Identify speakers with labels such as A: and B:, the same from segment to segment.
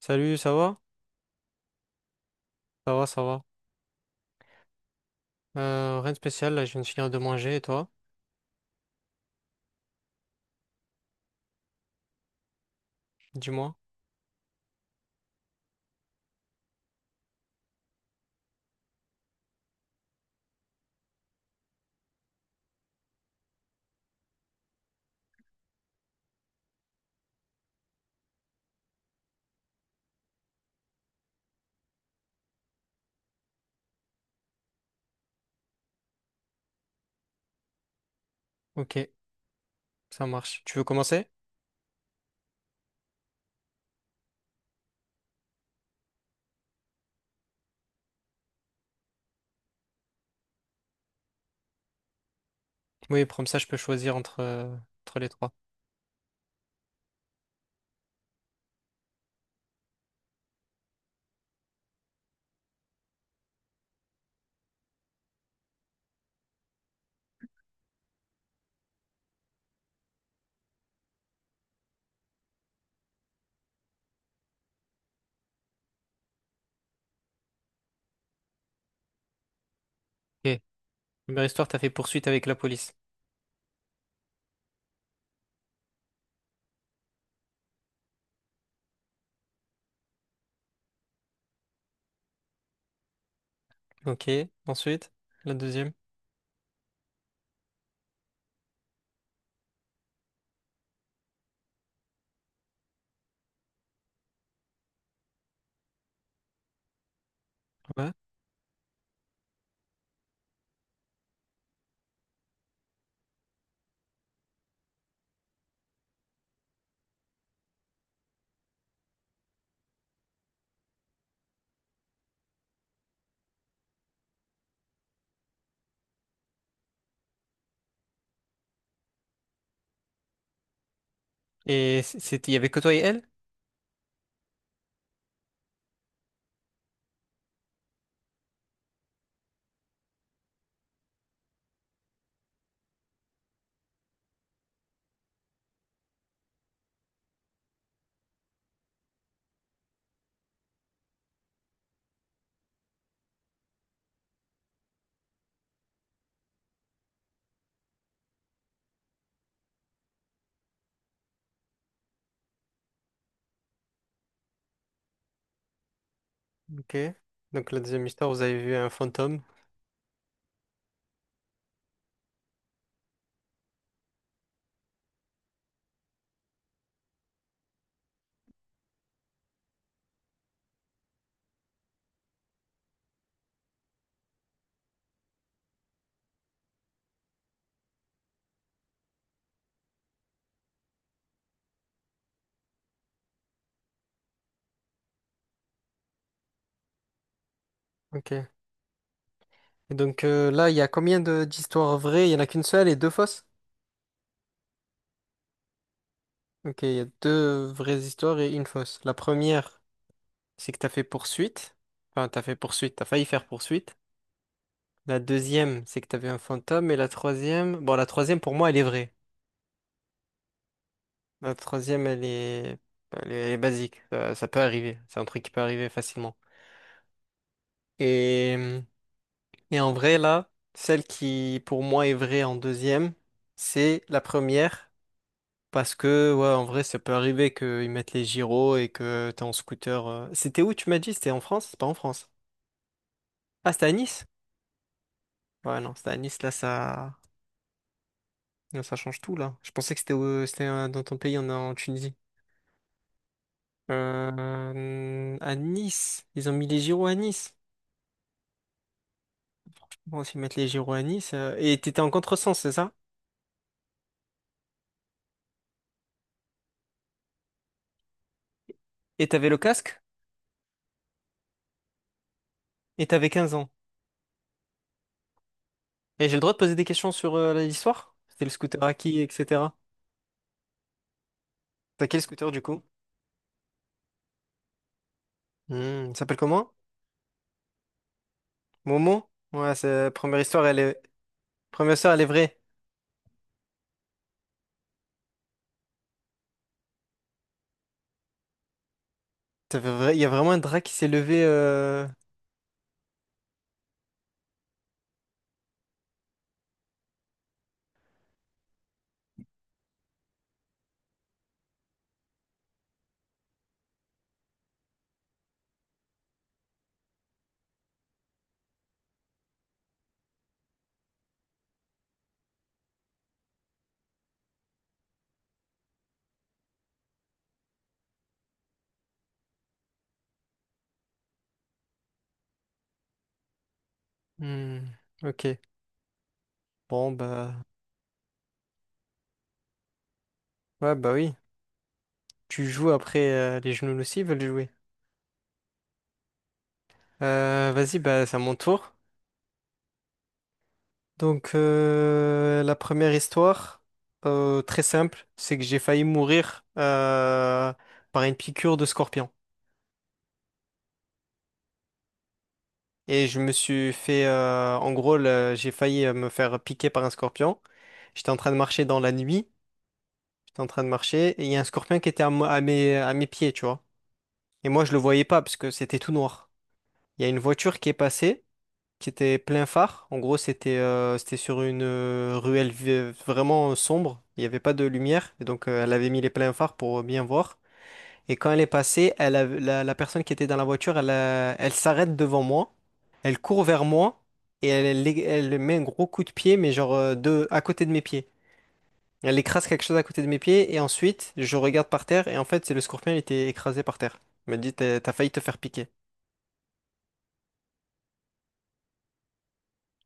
A: Salut, ça va? Ça va, ça va. Rien de spécial, là, je viens de finir de manger, et toi? Dis-moi. Ok, ça marche. Tu veux commencer? Oui, comme ça, je peux choisir entre, entre les trois. Ok. Première histoire, t'as fait poursuite avec la police. Ok, ensuite, la deuxième. Ouais. Et c'était, il y avait que toi et elle? Ok. Donc, la deuxième histoire, vous avez vu un fantôme. Ok. Et donc, là, il y a combien de d'histoires vraies? Il y en a qu'une seule et deux fausses? Ok, il y a deux vraies histoires et une fausse. La première, c'est que t'as fait poursuite. Enfin, t'as fait poursuite, t'as failli faire poursuite. La deuxième, c'est que t'avais un fantôme. Et la troisième, bon, la troisième, pour moi, elle est vraie. La troisième, elle est basique. Ça peut arriver. C'est un truc qui peut arriver facilement. Et, et en vrai, là, celle qui, pour moi, est vraie en deuxième, c'est la première. Parce que, ouais, en vrai, ça peut arriver qu'ils mettent les gyros et que t'es en scooter. C'était où, tu m'as dit? C'était en France? C'est pas en France. Ah, c'était à Nice? Ouais, non, c'était à Nice, là, ça. Ah, ça change tout là. Je pensais que c'était dans ton pays, en Tunisie. À Nice, ils ont mis les gyros à Nice. Bon, s'ils mettent les gyros à Nice. Et t'étais en contresens, c'est ça? Et t'avais le casque et t'avais 15 ans. Et j'ai le droit de poser des questions sur l'histoire? C'était le scooter à qui, etc. T'as quel scooter du coup? Hmm, il s'appelle comment? Momo? Ouais, c'est première histoire, elle est vraie. Il y a vraiment un drap qui s'est levé. Hmm, Ok. Bon, bah, ouais, bah, oui. Tu joues après les genoux aussi veulent jouer. Vas-y, bah, c'est à mon tour. Donc, la première histoire, très simple, c'est que j'ai failli mourir par une piqûre de scorpion. Et je me suis fait, j'ai failli me faire piquer par un scorpion. J'étais en train de marcher dans la nuit, j'étais en train de marcher, et il y a un scorpion qui était à mes pieds, tu vois. Et moi, je le voyais pas parce que c'était tout noir. Il y a une voiture qui est passée qui était plein phare. En gros, c'était sur une ruelle vraiment sombre. Il n'y avait pas de lumière. Et donc, elle avait mis les pleins phares pour bien voir. Et quand elle est passée, la personne qui était dans la voiture, elle s'arrête devant moi. Elle court vers moi. Et elle met un gros coup de pied, mais genre à côté de mes pieds. Elle écrase quelque chose à côté de mes pieds. Et ensuite, je regarde par terre. Et en fait, c'est le scorpion, il était écrasé par terre. Il m'a dit, t'as failli te faire piquer.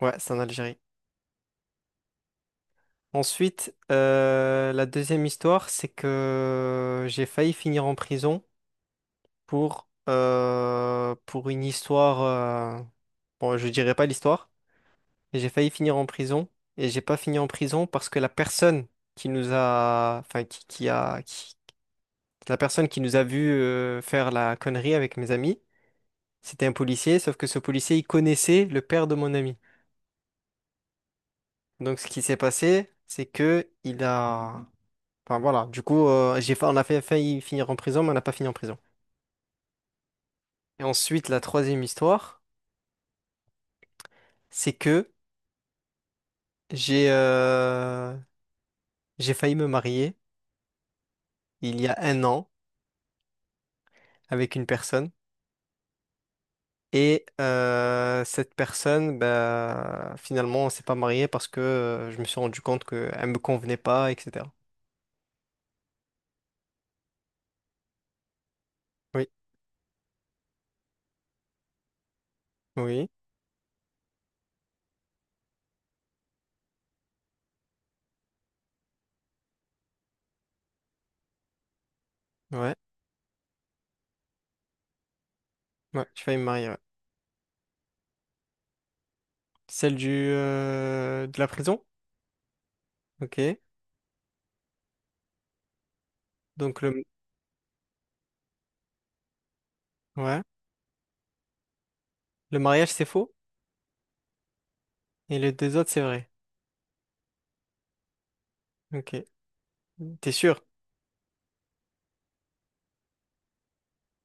A: Ouais, c'est en Algérie. Ensuite, la deuxième histoire, c'est que j'ai failli finir en prison pour une histoire. euh, Bon, je dirais pas l'histoire, mais j'ai failli finir en prison et j'ai pas fini en prison parce que la personne qui nous a, enfin, la personne qui nous a vu faire la connerie avec mes amis, c'était un policier, sauf que ce policier, il connaissait le père de mon ami. Donc, ce qui s'est passé, c'est que il a enfin voilà, du coup, on a failli finir en prison, mais on n'a pas fini en prison. Et ensuite, la troisième histoire, c'est que j'ai euh, j'ai failli me marier il y a un an avec une personne. Et cette personne, bah, finalement, on s'est pas marié parce que je me suis rendu compte qu'elle me convenait pas, etc. Oui, oui, ouais, ouais, j'ai failli me marier. Ouais. Celle du de la prison? Ok. Donc, le ouais, le mariage c'est faux et les deux autres c'est vrai. Ok. T'es sûr?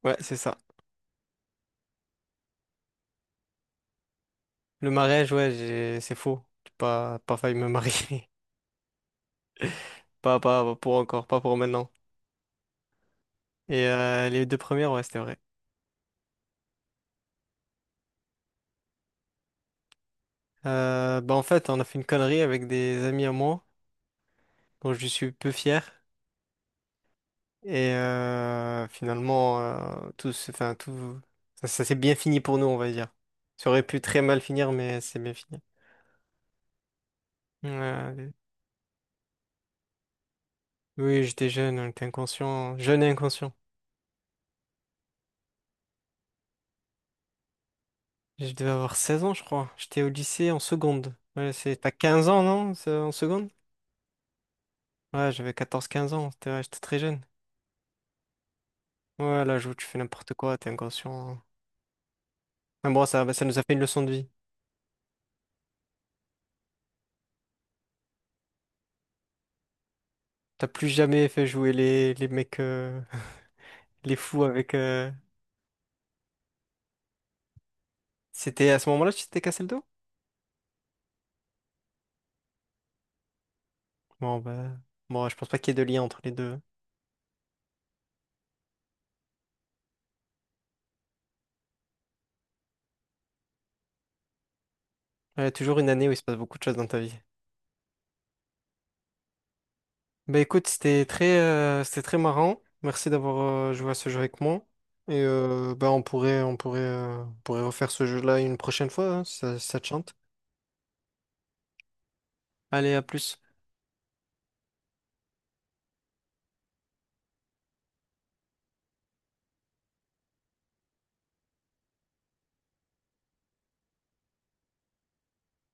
A: Ouais, c'est ça. Le mariage, ouais, j'ai- c'est faux. J'ai pas, pas failli me marier. Pas, pas pour encore, pas pour maintenant. Et les deux premières, ouais, c'était vrai. Bah en fait, on a fait une connerie avec des amis à moi, dont je suis peu fier. Et finalement, tout, enfin, tout, ça s'est bien fini pour nous, on va dire. Ça aurait pu très mal finir, mais c'est bien fini. Ouais, oui, j'étais jeune, on était inconscient, jeune et inconscient. Je devais avoir 16 ans, je crois. J'étais au lycée en seconde. T'as 15 ans, non? C'est en seconde? Ouais, j'avais quatorze quinze ans. C'était ouais, j'étais très jeune. Ouais, là, joue, tu fais n'importe quoi, t'es inconscient. Mais bon, ça, bah, ça nous a fait une leçon de vie. T'as plus jamais fait jouer les mecs, les fous C'était à ce moment-là que tu t'étais cassé le dos? Bon, bah. Bon, je pense pas qu'il y ait de lien entre les deux. Ouais, toujours une année où il se passe beaucoup de choses dans ta vie. Bah écoute, c'était très marrant. Merci d'avoir joué à ce jeu avec moi. Et bah on pourrait, on pourrait, on pourrait refaire ce jeu-là une prochaine fois, hein, si ça, si ça te chante. Allez, à plus.